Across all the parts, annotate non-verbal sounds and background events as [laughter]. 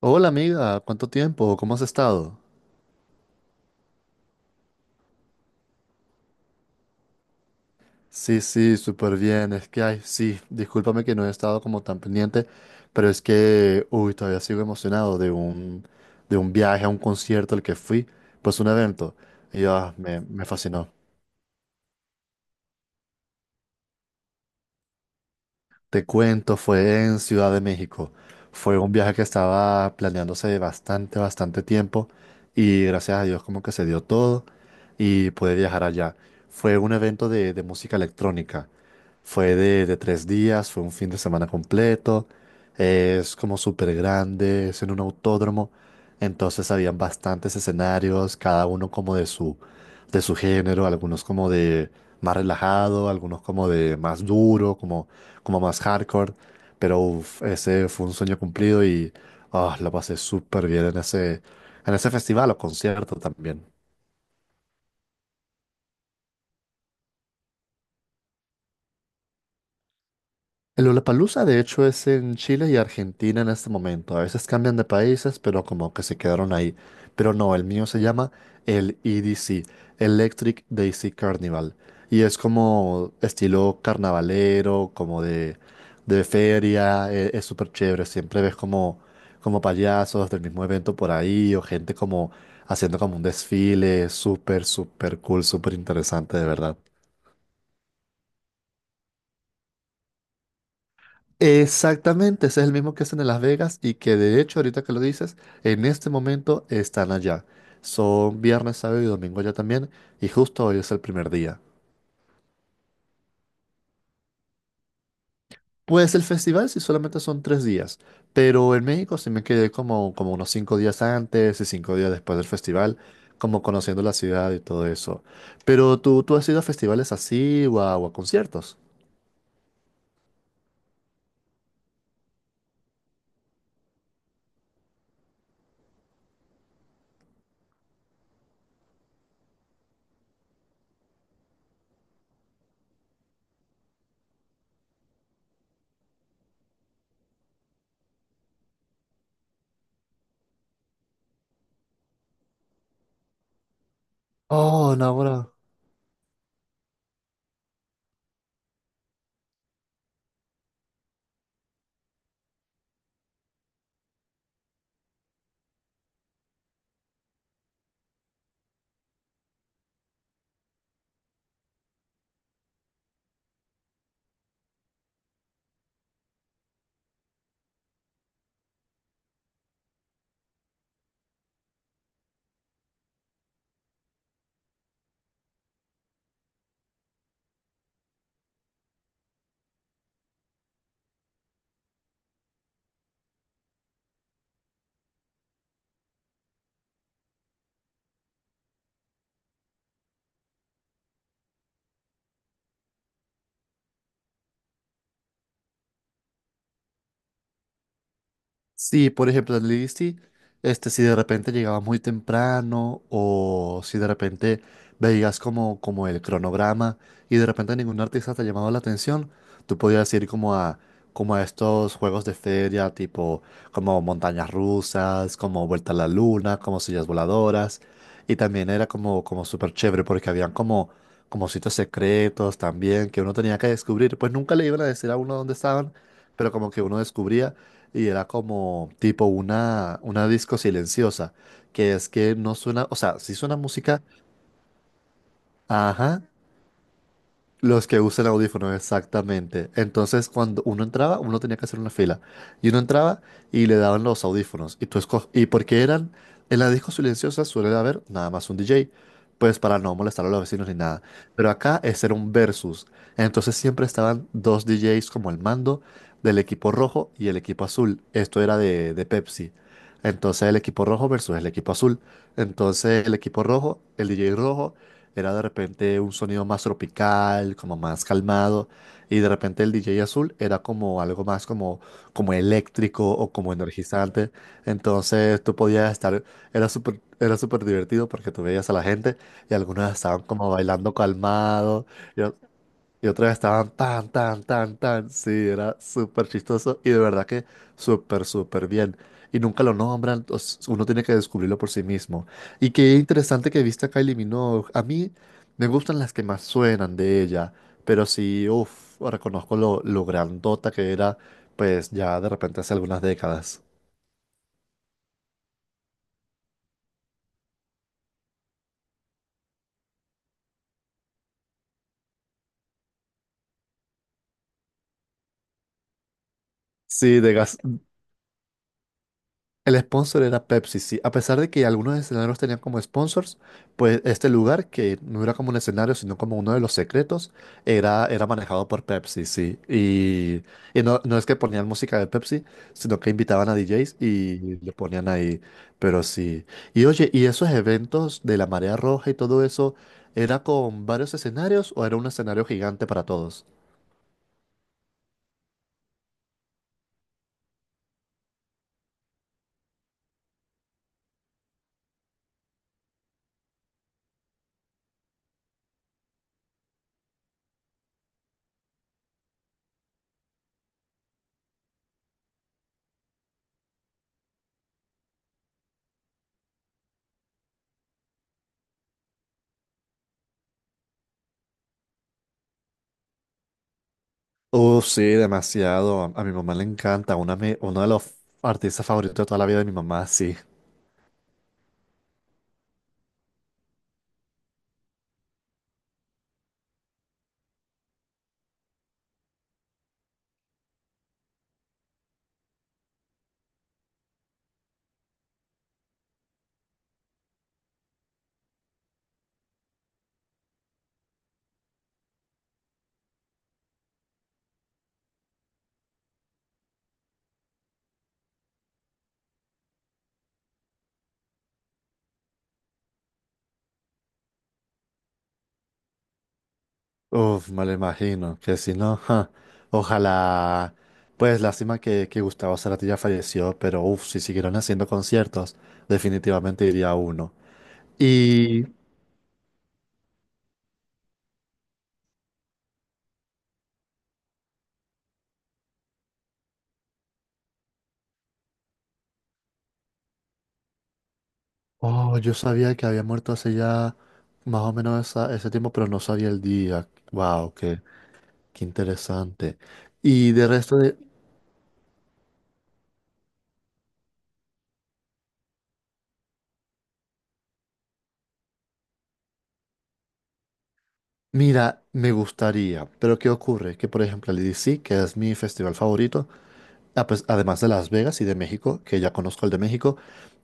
Hola amiga, ¿cuánto tiempo? ¿Cómo has estado? Sí, sí, súper bien. Es que, ay, sí, discúlpame que no he estado como tan pendiente, pero es que, uy, todavía sigo emocionado de un viaje a un concierto al que fui, pues un evento. Y me fascinó. Te cuento, fue en Ciudad de México. Fue un viaje que estaba planeándose de bastante, bastante tiempo y gracias a Dios como que se dio todo y pude viajar allá. Fue un evento de música electrónica. Fue de 3 días, fue un fin de semana completo. Es como súper grande, es en un autódromo. Entonces habían bastantes escenarios, cada uno como de su género, algunos como de más relajado, algunos como de más duro, como más hardcore, pero uf, ese fue un sueño cumplido y la pasé súper bien en ese festival o concierto también. El Lollapalooza de hecho es en Chile y Argentina en este momento. A veces cambian de países, pero como que se quedaron ahí. Pero no, el mío se llama el EDC, Electric Daisy Carnival. Y es como estilo carnavalero, como de feria. Es súper chévere. Siempre ves como payasos del mismo evento por ahí o gente como haciendo como un desfile. Súper, súper cool, súper interesante, de verdad. Exactamente, ese es el mismo que hacen en Las Vegas y que de hecho ahorita que lo dices, en este momento están allá. Son viernes, sábado y domingo allá también y justo hoy es el primer día. Pues el festival sí solamente son 3 días, pero en México sí me quedé como unos 5 días antes y 5 días después del festival, como conociendo la ciudad y todo eso. Pero tú has ido a festivales así o a conciertos. Oh, no, ahora. Sí, por ejemplo, en Lizzy, si de repente llegabas muy temprano o si de repente veías como el cronograma y de repente ningún artista te llamaba la atención, tú podías ir como a estos juegos de feria, tipo como montañas rusas, como vuelta a la luna, como sillas voladoras. Y también era como súper chévere porque habían como sitios secretos también que uno tenía que descubrir. Pues nunca le iban a decir a uno dónde estaban, pero como que uno descubría. Y era como tipo una disco silenciosa, que es que no suena, o sea, sí suena música, ajá, los que usan audífonos, exactamente. Entonces, cuando uno entraba, uno tenía que hacer una fila. Y uno entraba y le daban los audífonos. Y porque eran. En la disco silenciosa suele haber nada más un DJ. Pues para no molestar a los vecinos ni nada. Pero acá es era un versus. Entonces siempre estaban dos DJs como el mando del equipo rojo y el equipo azul. Esto era de Pepsi. Entonces el equipo rojo versus el equipo azul. Entonces el equipo rojo, el DJ rojo era de repente un sonido más tropical, como más calmado, y de repente el DJ azul era como algo más como eléctrico o como energizante. Entonces tú podías estar, era súper divertido porque tú veías a la gente y algunos estaban como bailando calmado, y otra vez estaban tan, tan, tan, tan. Sí, era súper chistoso y de verdad que súper, súper bien. Y nunca lo nombran, uno tiene que descubrirlo por sí mismo. Y qué interesante que viste a Kylie Minogue. A mí me gustan las que más suenan de ella, pero sí, uff, reconozco lo grandota que era, pues ya de repente hace algunas décadas. Sí, de El sponsor era Pepsi, sí. A pesar de que algunos escenarios tenían como sponsors, pues este lugar, que no era como un escenario, sino como uno de los secretos, era manejado por Pepsi, sí. Y no es que ponían música de Pepsi, sino que invitaban a DJs y le ponían ahí. Pero sí. Y oye, ¿y esos eventos de la marea roja y todo eso, era con varios escenarios o era un escenario gigante para todos? Sí, demasiado. A mi mamá le encanta. Uno de los artistas favoritos de toda la vida de mi mamá, sí. Uf, me lo imagino, que si no, ja, ojalá, pues lástima que Gustavo Cerati ya falleció, pero uf, si siguieron haciendo conciertos, definitivamente iría a uno. Y, oh, yo sabía que había muerto hace ya más o menos ese tiempo, pero no sabía el día. Wow, qué, qué, interesante. Y de resto de, Mira, me gustaría, pero ¿qué ocurre? Que por ejemplo el EDC, que es mi festival favorito. Ah, pues, además de Las Vegas y de México, que ya conozco el de México,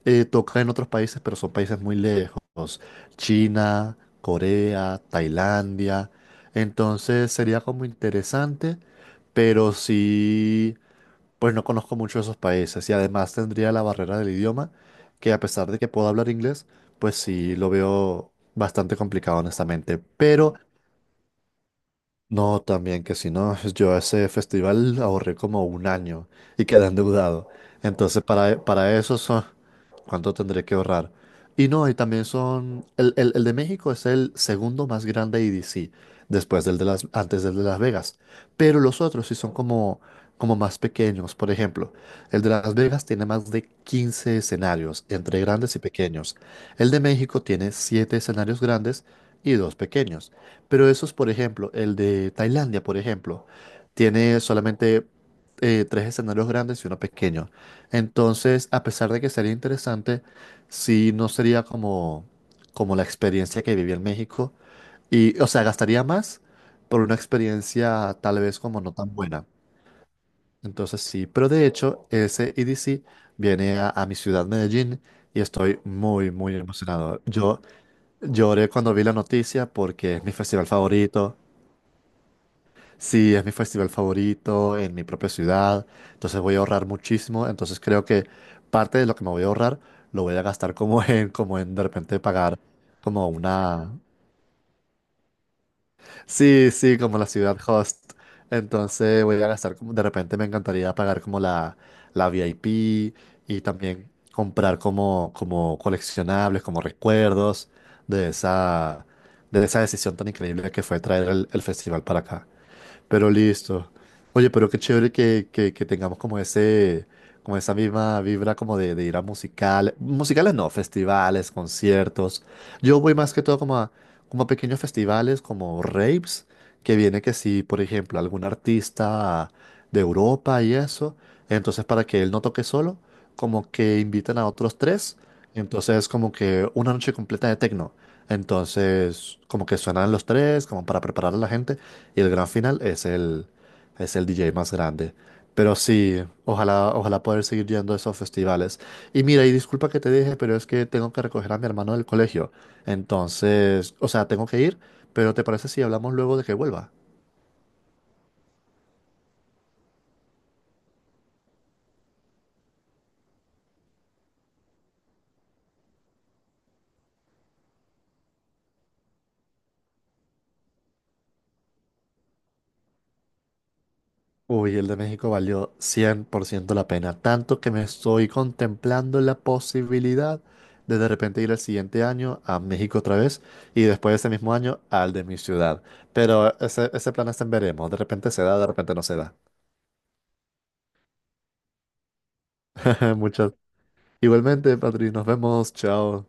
toca en otros países, pero son países muy lejos. China, Corea, Tailandia. Entonces sería como interesante, pero sí, pues no conozco mucho esos países. Y además tendría la barrera del idioma, que a pesar de que puedo hablar inglés, pues sí lo veo bastante complicado, honestamente. Pero no, también que si no, pues, yo ese festival ahorré como un año y quedé endeudado. Entonces, para eso son, ¿cuánto tendré que ahorrar? Y no, y también son, el de México es el segundo más grande EDC, después antes del de Las Vegas. Pero los otros sí son como más pequeños. Por ejemplo, el de Las Vegas tiene más de 15 escenarios, entre grandes y pequeños. El de México tiene 7 escenarios grandes y dos pequeños. Pero esos, por ejemplo, el de Tailandia, por ejemplo, tiene solamente tres escenarios grandes y uno pequeño. Entonces, a pesar de que sería interesante, sí no sería como la experiencia que viví en México. Y, o sea, gastaría más por una experiencia tal vez como no tan buena. Entonces, sí, pero de hecho, ese E D C viene a mi ciudad, Medellín, y estoy muy, muy emocionado. Yo lloré cuando vi la noticia porque es mi festival favorito. Sí, es mi festival favorito en mi propia ciudad, entonces voy a ahorrar muchísimo, entonces creo que parte de lo que me voy a ahorrar lo voy a gastar como [laughs] en de repente pagar como una. Sí, sí, como la ciudad host, entonces voy a gastar como de repente me encantaría pagar como la VIP y también comprar como coleccionables, como recuerdos de esa, de esa decisión tan increíble que fue traer el festival para acá. Pero listo. Oye, pero qué chévere que tengamos como ese, como esa misma vibra como de ir a musicales. Musicales no, festivales, conciertos. Yo voy más que todo como a pequeños festivales, como raves, que viene que si, por ejemplo, algún artista de Europa y eso. Entonces, para que él no toque solo, como que invitan a otros tres. Entonces, como que una noche completa de techno. Entonces, como que suenan los tres, como para preparar a la gente y el gran final es el DJ más grande. Pero sí, ojalá, ojalá poder seguir yendo a esos festivales. Y mira, y disculpa que te dije, pero es que tengo que recoger a mi hermano del colegio. Entonces, o sea, tengo que ir, pero ¿te parece si hablamos luego de que vuelva? Uy, el de México valió 100% la pena, tanto que me estoy contemplando la posibilidad de repente ir el siguiente año a México otra vez y después de ese mismo año al de mi ciudad. Pero ese plan está en veremos, de repente se da, de repente no se da. [laughs] Muchas. Igualmente, Patri, nos vemos, chao.